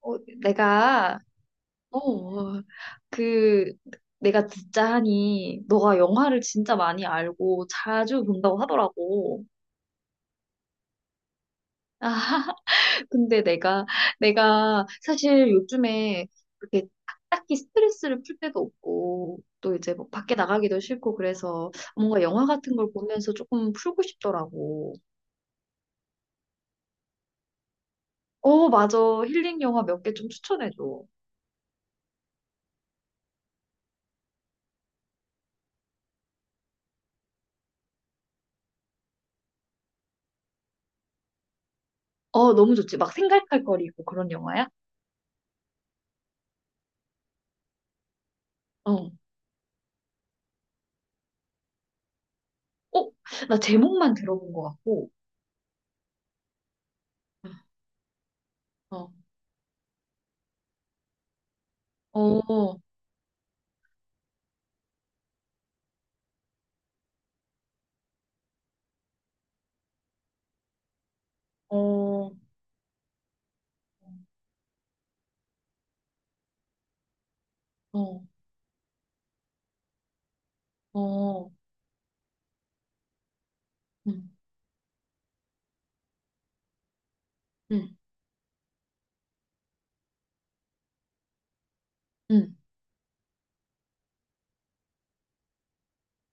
내가 어, 그 내가 듣자 하니 너가 영화를 진짜 많이 알고 자주 본다고 하더라고. 아, 근데 내가 사실 요즘에 그렇게 딱히 스트레스를 풀 때도 없고 또 이제 뭐 밖에 나가기도 싫고 그래서 뭔가 영화 같은 걸 보면서 조금 풀고 싶더라고. 어, 맞아. 힐링 영화 몇 개 좀 추천해줘. 어, 너무 좋지. 막 생각할 거리고 그런 영화야? 어. 어, 나 제목만 들어본 것 같고. 어, 어, 어, 어, 어, 음, 음, 음,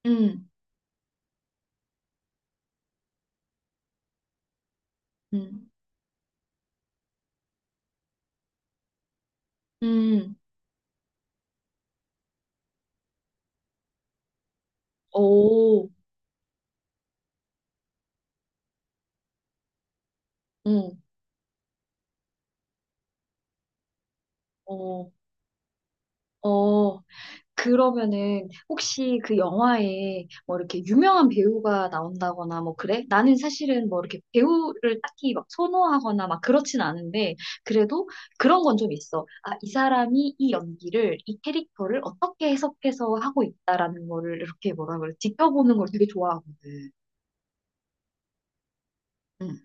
음, 음, 음, 음, 오, 음, 어, 어, 그러면은 혹시 그 영화에 뭐 이렇게 유명한 배우가 나온다거나 뭐 그래? 나는 사실은 뭐 이렇게 배우를 딱히 막 선호하거나 막 그렇진 않은데 그래도 그런 건 좀 있어. 아, 이 사람이 이 연기를 이 캐릭터를 어떻게 해석해서 하고 있다라는 거를 이렇게 뭐라 그래? 지켜보는 걸 되게 좋아하거든. 응.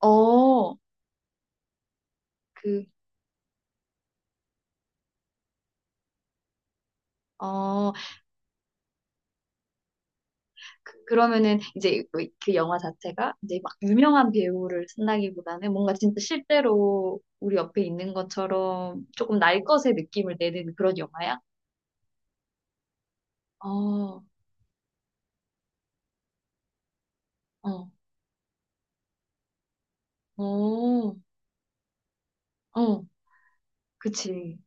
어, 그, 어, 그러면은 이제 뭐그 영화 자체가 이제 막 유명한 배우를 쓴다기보다는 뭔가 진짜 실제로 우리 옆에 있는 것처럼 조금 날 것의 느낌을 내는 그런 영화야? 어, 어, 어, 어, 그치.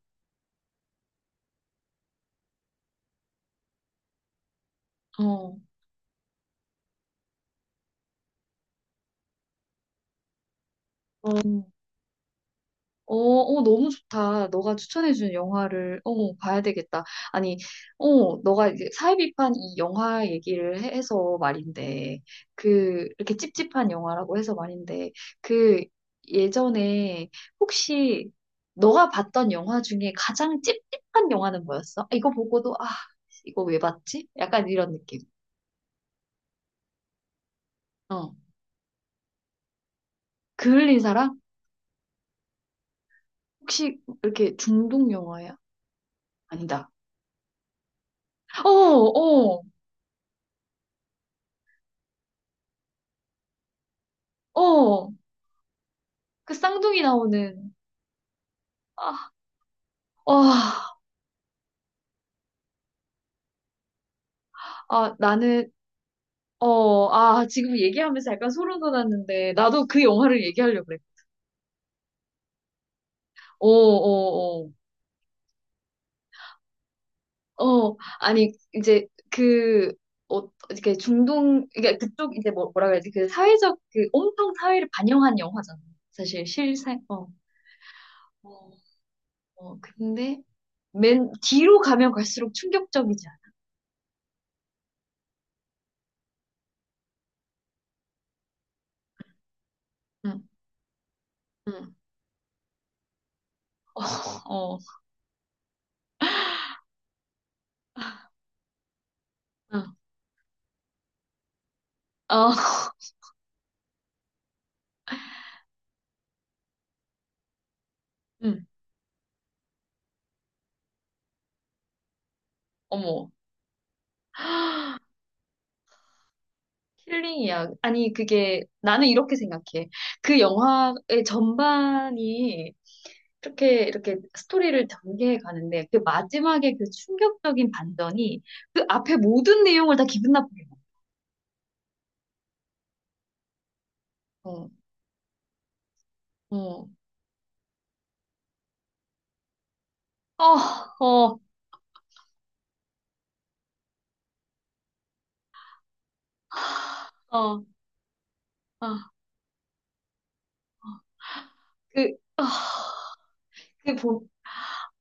어, 어. 어, 어, 너무 좋다. 너가 추천해준 영화를, 봐야 되겠다. 아니, 너가 이제 사회비판 이 영화 얘기를 해서 말인데, 이렇게 찝찝한 영화라고 해서 말인데, 그, 예전에 혹시 너가 봤던 영화 중에 가장 찝찝한 영화는 뭐였어? 아, 이거 보고도, 아, 이거 왜 봤지? 약간 이런 느낌. 어. 그을린 사랑? 혹시 이렇게 중독 영화야? 아니다. 어, 어, 어. 그 쌍둥이 나오는. 아, 와, 아, 나는, 어, 아, 지금 얘기하면서 약간 소름 돋았는데, 나도 그 영화를 얘기하려고 그래. 어, 어, 어, 어, 아니, 이제 그, 이렇게 중동, 그러니까 그쪽 이제 뭐, 뭐라 그래야지, 그 사회적, 그 온통 사회를 반영한 영화잖아. 사실 실생, 어, 어, 어, 근데 맨 뒤로 가면 갈수록 충격적이지 않아? 응, 응, 어, 응, 어, 응, 어머. 힐링이야. 아니, 그게, 나는 이렇게 생각해. 그 영화의 전반이 이렇게 스토리를 전개해 가는데, 그 마지막에 그 충격적인 반전이 그 앞에 모든 내용을 다 기분 나쁘게 만들어. 어, 어, 어, 어, 어, 아, 그, 아, 그 보,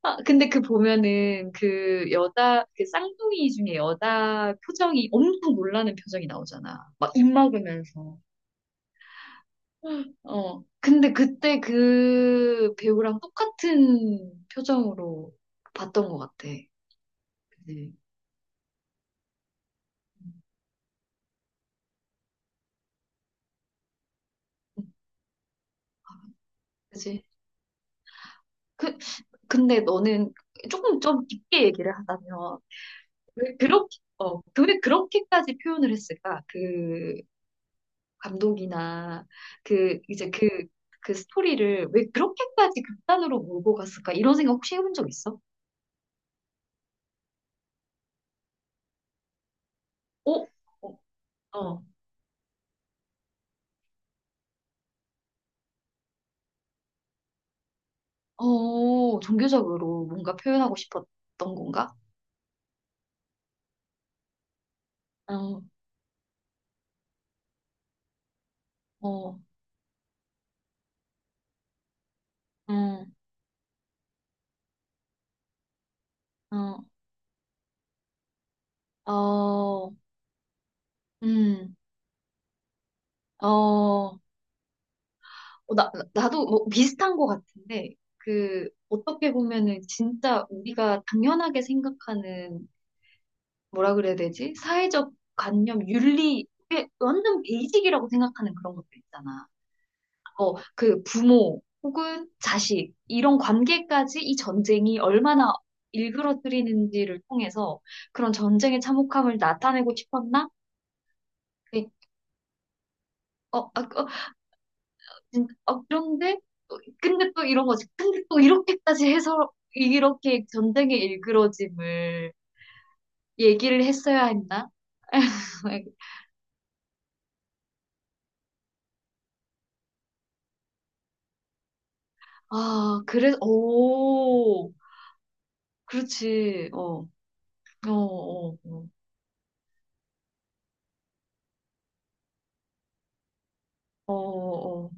근데 그 보면은 그 여자, 그 쌍둥이 중에 여자 표정이 엄청 놀라는 표정이 나오잖아. 막 입 막으면서. 어. 근데 그때 그 배우랑 똑같은 표정으로 봤던 것 같아. 네. 그지? 그, 근데 너는 조금 좀 깊게 얘기를 하자면, 왜 그렇게, 왜 그렇게까지 표현을 했을까? 그 감독이나 그, 이제 그, 그 스토리를 왜 그렇게까지 극단으로 몰고 갔을까? 이런 생각 혹시 해본 적 있어? 어? 어, 어, 어, 종교적으로 뭔가 표현하고 싶었던 건가? 어. 어, 음, 어, 어, 음, 어, 어, 나도 뭐 비슷한 것 같은데, 어떻게 보면은 진짜 우리가 당연하게 생각하는, 뭐라 그래야 되지? 사회적 관념, 윤리, 이게 완전 베이직이라고 생각하는 그런 것들 있잖아. 어, 그 부모 혹은 자식, 이런 관계까지 이 전쟁이 얼마나 일그러뜨리는지를 통해서 그런 전쟁의 참혹함을 나타내고 싶었나? 그, 어, 아, 어, 그런데 또, 근데 또 이런 거지. 근데 또 이렇게까지 해서 이렇게 전쟁의 일그러짐을 얘기를 했어야 했나? 아, 그래서 오, 그렇지. 어, 어, 어, 어, 어,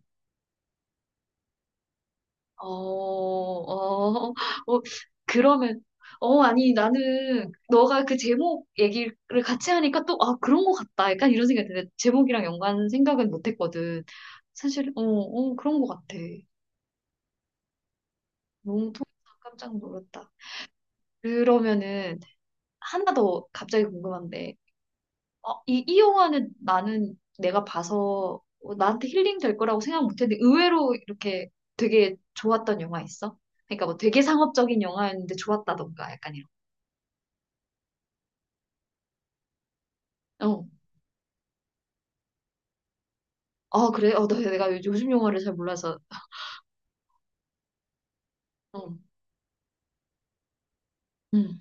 어, 어, 어, 어, 그러면. 아니, 나는, 너가 그 제목 얘기를 같이 하니까 또, 아, 그런 거 같다. 약간 이런 생각이 드데 제목이랑 연관 생각은 못 했거든. 사실, 어, 어, 그런 거 같아. 몸통에서 깜짝 놀랐다. 그러면은 하나 더 갑자기 궁금한데, 이 영화는 나는 내가 봐서 어, 나한테 힐링 될 거라고 생각 못했는데 의외로 이렇게 되게 좋았던 영화 있어? 그러니까 뭐 되게 상업적인 영화였는데 좋았다던가 약간 이런. 어, 아 그래? 내가 요즘 영화를 잘 몰라서. 어, 음,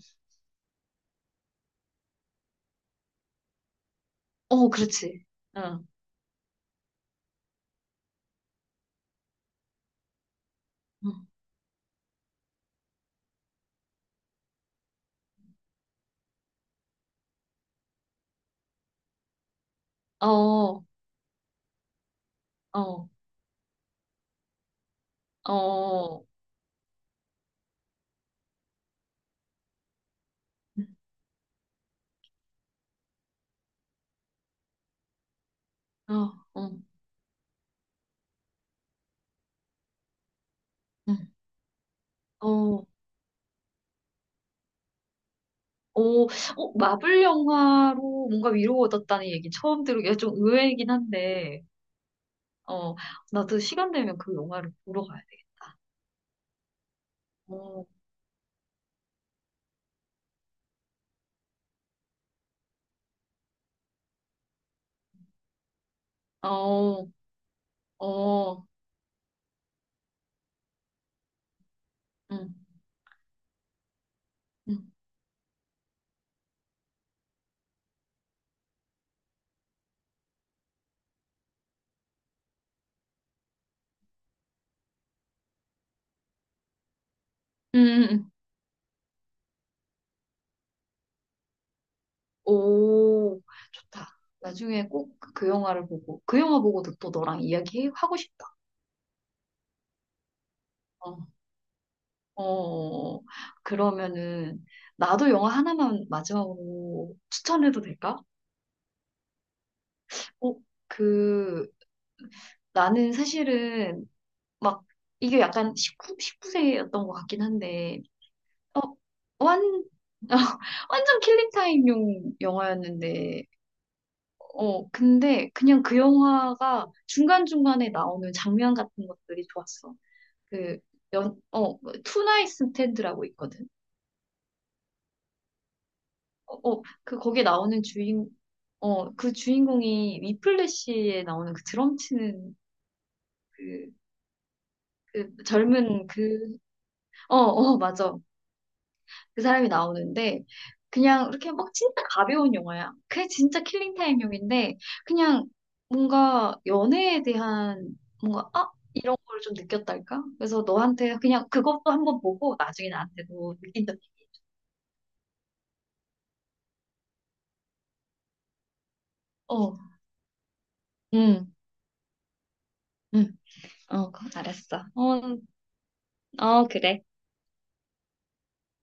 어, 그렇지. 어, 음. 어, 어, 어, 음, 어, 어, 음, 어. 오, 어, 마블 영화로 뭔가 위로가 얻었다는 얘기 처음 들으기가 좀 의외이긴 한데, 어, 나도 시간 되면 그 영화를 보러 가야 돼. 어, 어, 어, 응, 응, 응, 응, 응. 오, 좋다. 나중에 꼭 그 영화를 보고, 그 영화 보고도 또 너랑 이야기하고 싶다. 어, 어, 그러면은, 나도 영화 하나만 마지막으로 추천해도 될까? 어, 그, 나는 사실은 막 이게 약간 19, 십구 세였던 것 같긴 한데 어, 완, 어, 완전 킬링타임용 영화였는데 어, 근데 그냥 그 영화가 중간중간에 나오는 장면 같은 것들이 좋았어. 그 연, 어, 투나잇 스탠드라고 있거든. 어, 어, 그 거기에 나오는 주인 어, 그 주인공이 위플래시에 나오는 그 드럼 치는 그, 그 젊은 그, 어, 맞아. 그 사람이 나오는데 그냥 이렇게 막 진짜 가벼운 영화야. 그게 진짜 킬링타임용인데 그냥 뭔가 연애에 대한 뭔가 아 이런 걸 좀 느꼈달까? 그래서 너한테 그냥 그것도 한번 보고 나중에 나한테도 느낀다. 어, 응, 응, 어, 알았어. 어, 어, 그래.